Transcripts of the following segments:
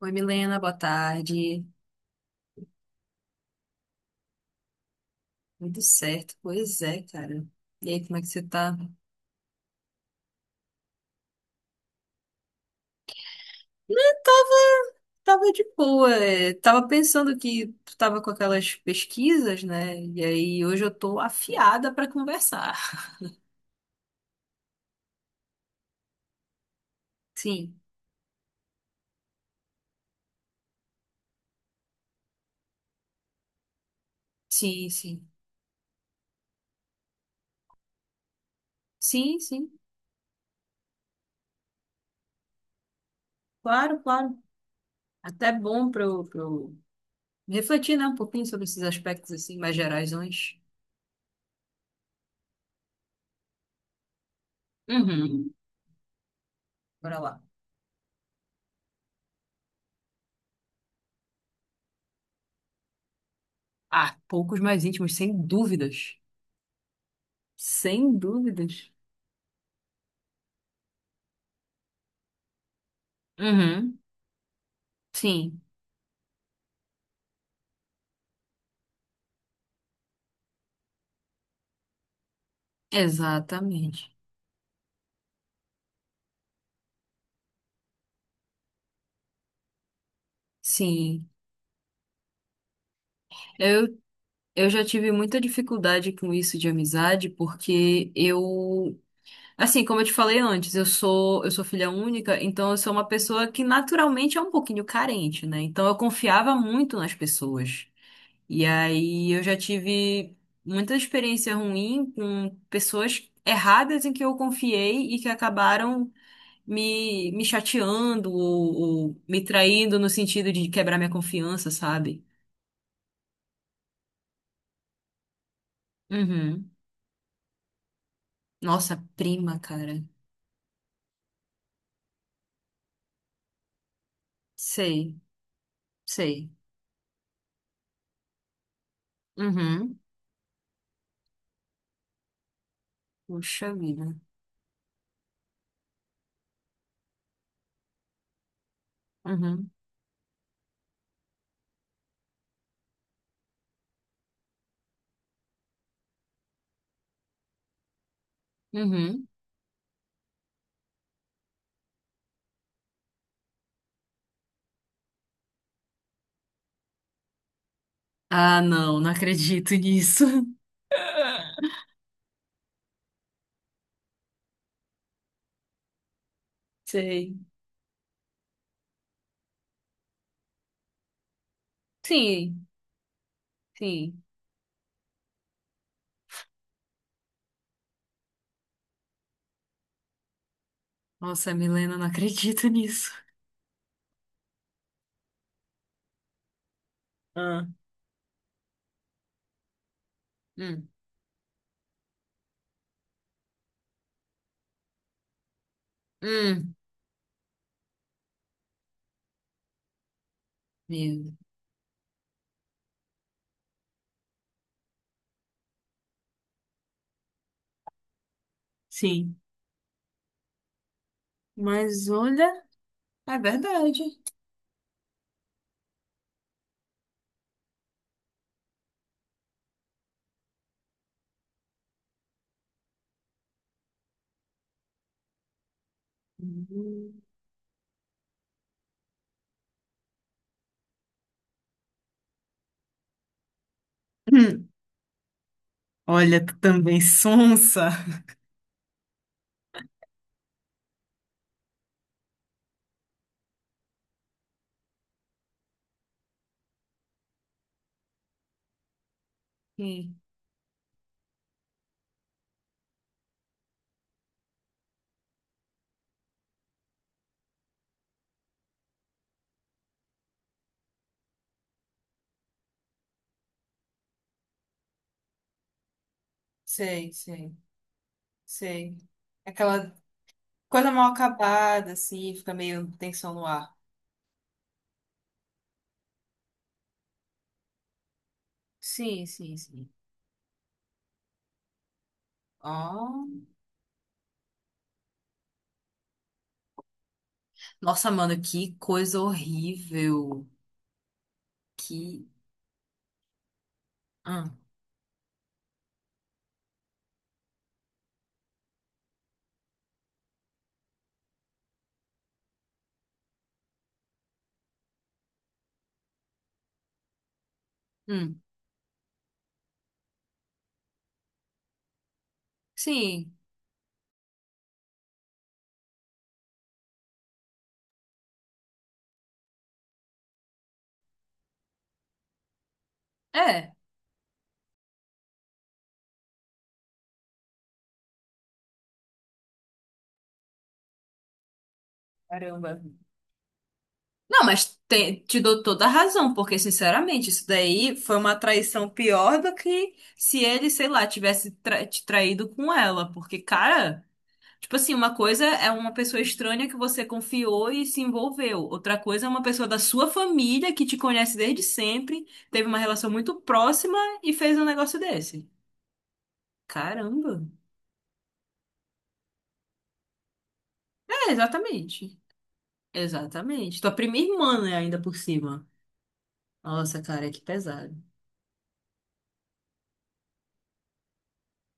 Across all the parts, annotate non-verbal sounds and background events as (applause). Oi, Milena, boa tarde. Tudo certo. Pois é, cara. E aí, como é que você tá? Tava de boa, é. Tava pensando que tu tava com aquelas pesquisas, né? E aí hoje eu tô afiada pra conversar. Sim, sim, sim. Sim, sim. Claro, claro. Até bom pra eu refletir, né, um pouquinho sobre esses aspectos assim mais gerais. Uhum. Bora lá. Ah, poucos mais íntimos, sem dúvidas. Sem dúvidas. Uhum. Sim. Exatamente. Sim, eu, eu já tive muita dificuldade com isso de amizade, porque, como eu te falei antes, eu sou filha única, então eu sou uma pessoa que naturalmente é um pouquinho carente, né? Então eu confiava muito nas pessoas. E aí eu já tive muita experiência ruim com pessoas erradas em que eu confiei e que acabaram me chateando ou me traindo no sentido de quebrar minha confiança, sabe? Uhum. Nossa, prima, cara. Sei, sei. Uhum. Puxa vida. Uhum. Uhum. Ah, não, não acredito nisso. (laughs) Sei. Sim, sim. Nossa, Milena, não acredito nisso. Ah. Hum. Hum. Meu. Sim. Mas olha, é verdade. Hum. Hum. Olha, tu também sonsa. Sim, sei, sei, sei. Aquela coisa mal acabada, assim, fica meio tensão no ar. Sim, sim, sim. Ó. Nossa, mano, que coisa horrível. Que. Hum. Hum. Sim, é. Caramba. Não, mas te dou toda a razão, porque, sinceramente, isso daí foi uma traição pior do que se ele, sei lá, tivesse te traído com ela. Porque, cara. Tipo assim, uma coisa é uma pessoa estranha que você confiou e se envolveu. Outra coisa é uma pessoa da sua família que te conhece desde sempre, teve uma relação muito próxima e fez um negócio desse. Caramba. É, exatamente. Exatamente. Tua prima irmã, né, ainda por cima. Nossa, cara, que pesado.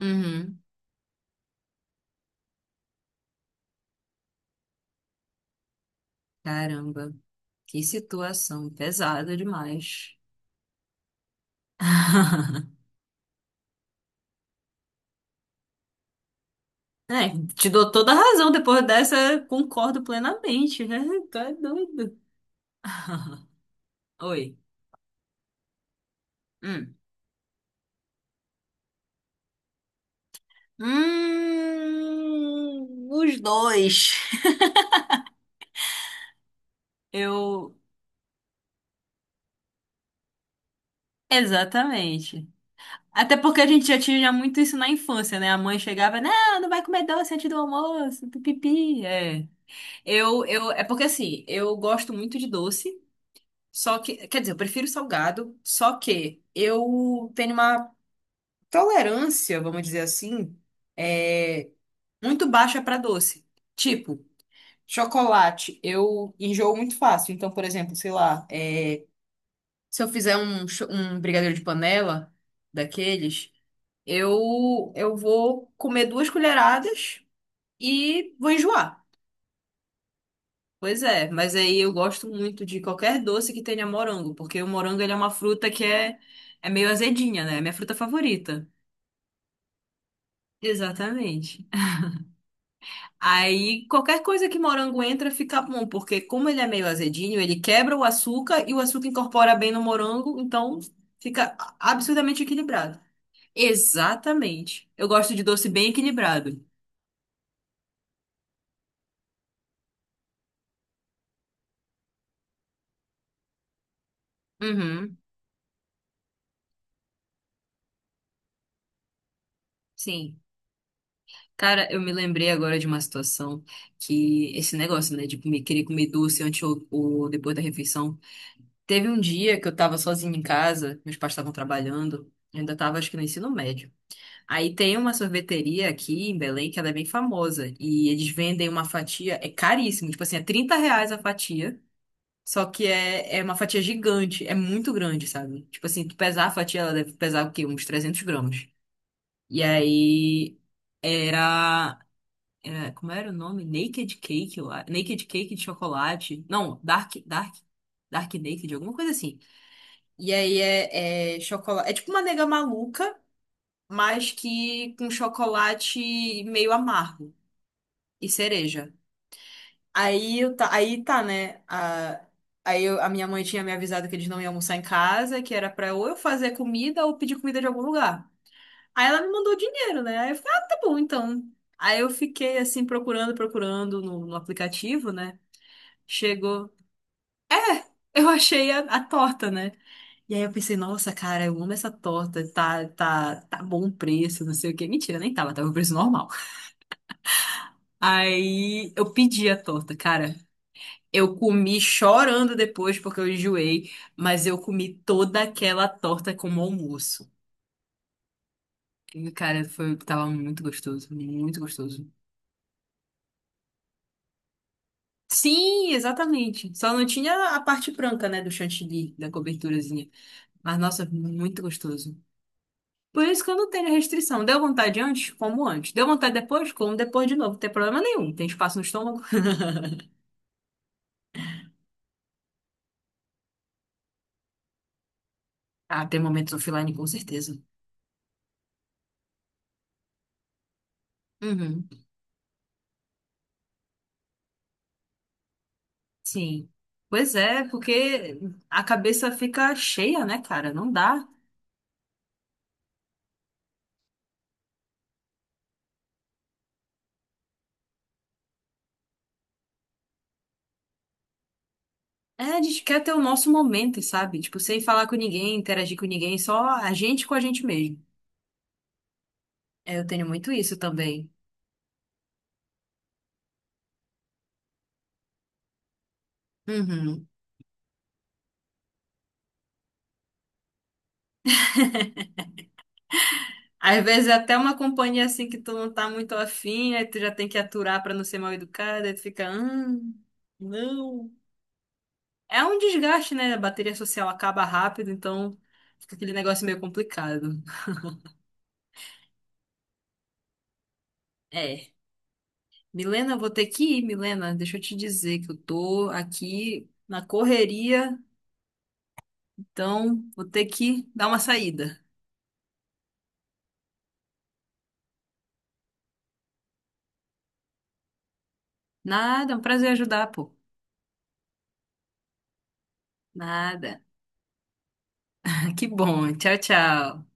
Uhum. Caramba. Que situação pesada demais. (laughs) É, te dou toda a razão depois dessa, concordo plenamente, né? Tu é doido. (laughs) Oi. Hum. Os dois. Eu. Exatamente. Até porque a gente já tinha muito isso na infância, né? A mãe chegava, não, não vai comer doce antes do almoço, pipi. É. É porque assim, eu gosto muito de doce, só que, quer dizer, eu prefiro salgado, só que eu tenho uma tolerância, vamos dizer assim, é, muito baixa para doce. Tipo, chocolate, eu enjoo muito fácil. Então, por exemplo, sei lá, é, se eu fizer um brigadeiro de panela daqueles, eu vou comer duas colheradas e vou enjoar. Pois é, mas aí eu gosto muito de qualquer doce que tenha morango, porque o morango ele é uma fruta que é, é meio azedinha, né? É minha fruta favorita. Exatamente. Aí qualquer coisa que morango entra fica bom, porque como ele é meio azedinho, ele quebra o açúcar e o açúcar incorpora bem no morango, então fica absurdamente equilibrado. Exatamente. Eu gosto de doce bem equilibrado. Uhum, sim. Cara, eu me lembrei agora de uma situação que esse negócio, né, de comer, querer comer doce antes ou depois da refeição. Teve um dia que eu tava sozinha em casa, meus pais estavam trabalhando, eu ainda tava acho que no ensino médio. Aí tem uma sorveteria aqui em Belém que ela é bem famosa. E eles vendem uma fatia, é caríssimo, tipo assim, é R$ 30 a fatia. Só que é, é uma fatia gigante, é muito grande, sabe? Tipo assim, tu pesar a fatia, ela deve pesar o quê? Uns 300 gramas. E aí era, como era o nome? Naked Cake, eu acho. Naked Cake de chocolate. Não, Dark. Dark. Dark Naked, alguma coisa assim. E aí é, é chocolate. É tipo uma nega maluca mas que com chocolate meio amargo e cereja. Aí, eu tá, aí tá, né? A, aí eu- A minha mãe tinha me avisado que eles não iam almoçar em casa, que era pra ou eu fazer comida ou pedir comida de algum lugar. Aí ela me mandou dinheiro, né? Aí eu falei, ah, tá bom, então. Aí eu fiquei assim procurando, procurando no aplicativo, né? Chegou. (laughs) Eu achei a torta, né? E aí eu pensei, nossa, cara, eu amo essa torta, tá bom o preço, não sei o quê. Mentira, nem tava, tava o preço normal. Aí eu pedi a torta, cara. Eu comi chorando depois porque eu enjoei, mas eu comi toda aquela torta como almoço. E, cara, foi, tava muito gostoso, muito gostoso. Sim, exatamente. Só não tinha a parte branca, né, do chantilly, da coberturazinha. Mas, nossa, muito gostoso. Por isso que eu não tenho restrição. Deu vontade antes? Como antes. Deu vontade depois? Como depois de novo. Não tem problema nenhum. Tem espaço no estômago? (laughs) Ah, tem momentos offline, com certeza. Uhum. Sim. Pois é, porque a cabeça fica cheia, né, cara? Não dá. É, a gente quer ter o nosso momento, sabe? Tipo, sem falar com ninguém, interagir com ninguém, só a gente com a gente mesmo. É, eu tenho muito isso também. Uhum. Às vezes é até uma companhia assim que tu não tá muito afim, aí tu já tem que aturar pra não ser mal educada, aí tu fica, não. É um desgaste, né? A bateria social acaba rápido, então fica aquele negócio meio complicado. É. Milena, eu vou ter que ir, Milena. Deixa eu te dizer que eu tô aqui na correria, então vou ter que dar uma saída. Nada, é um prazer ajudar, pô. Nada. (laughs) Que bom. Tchau, tchau.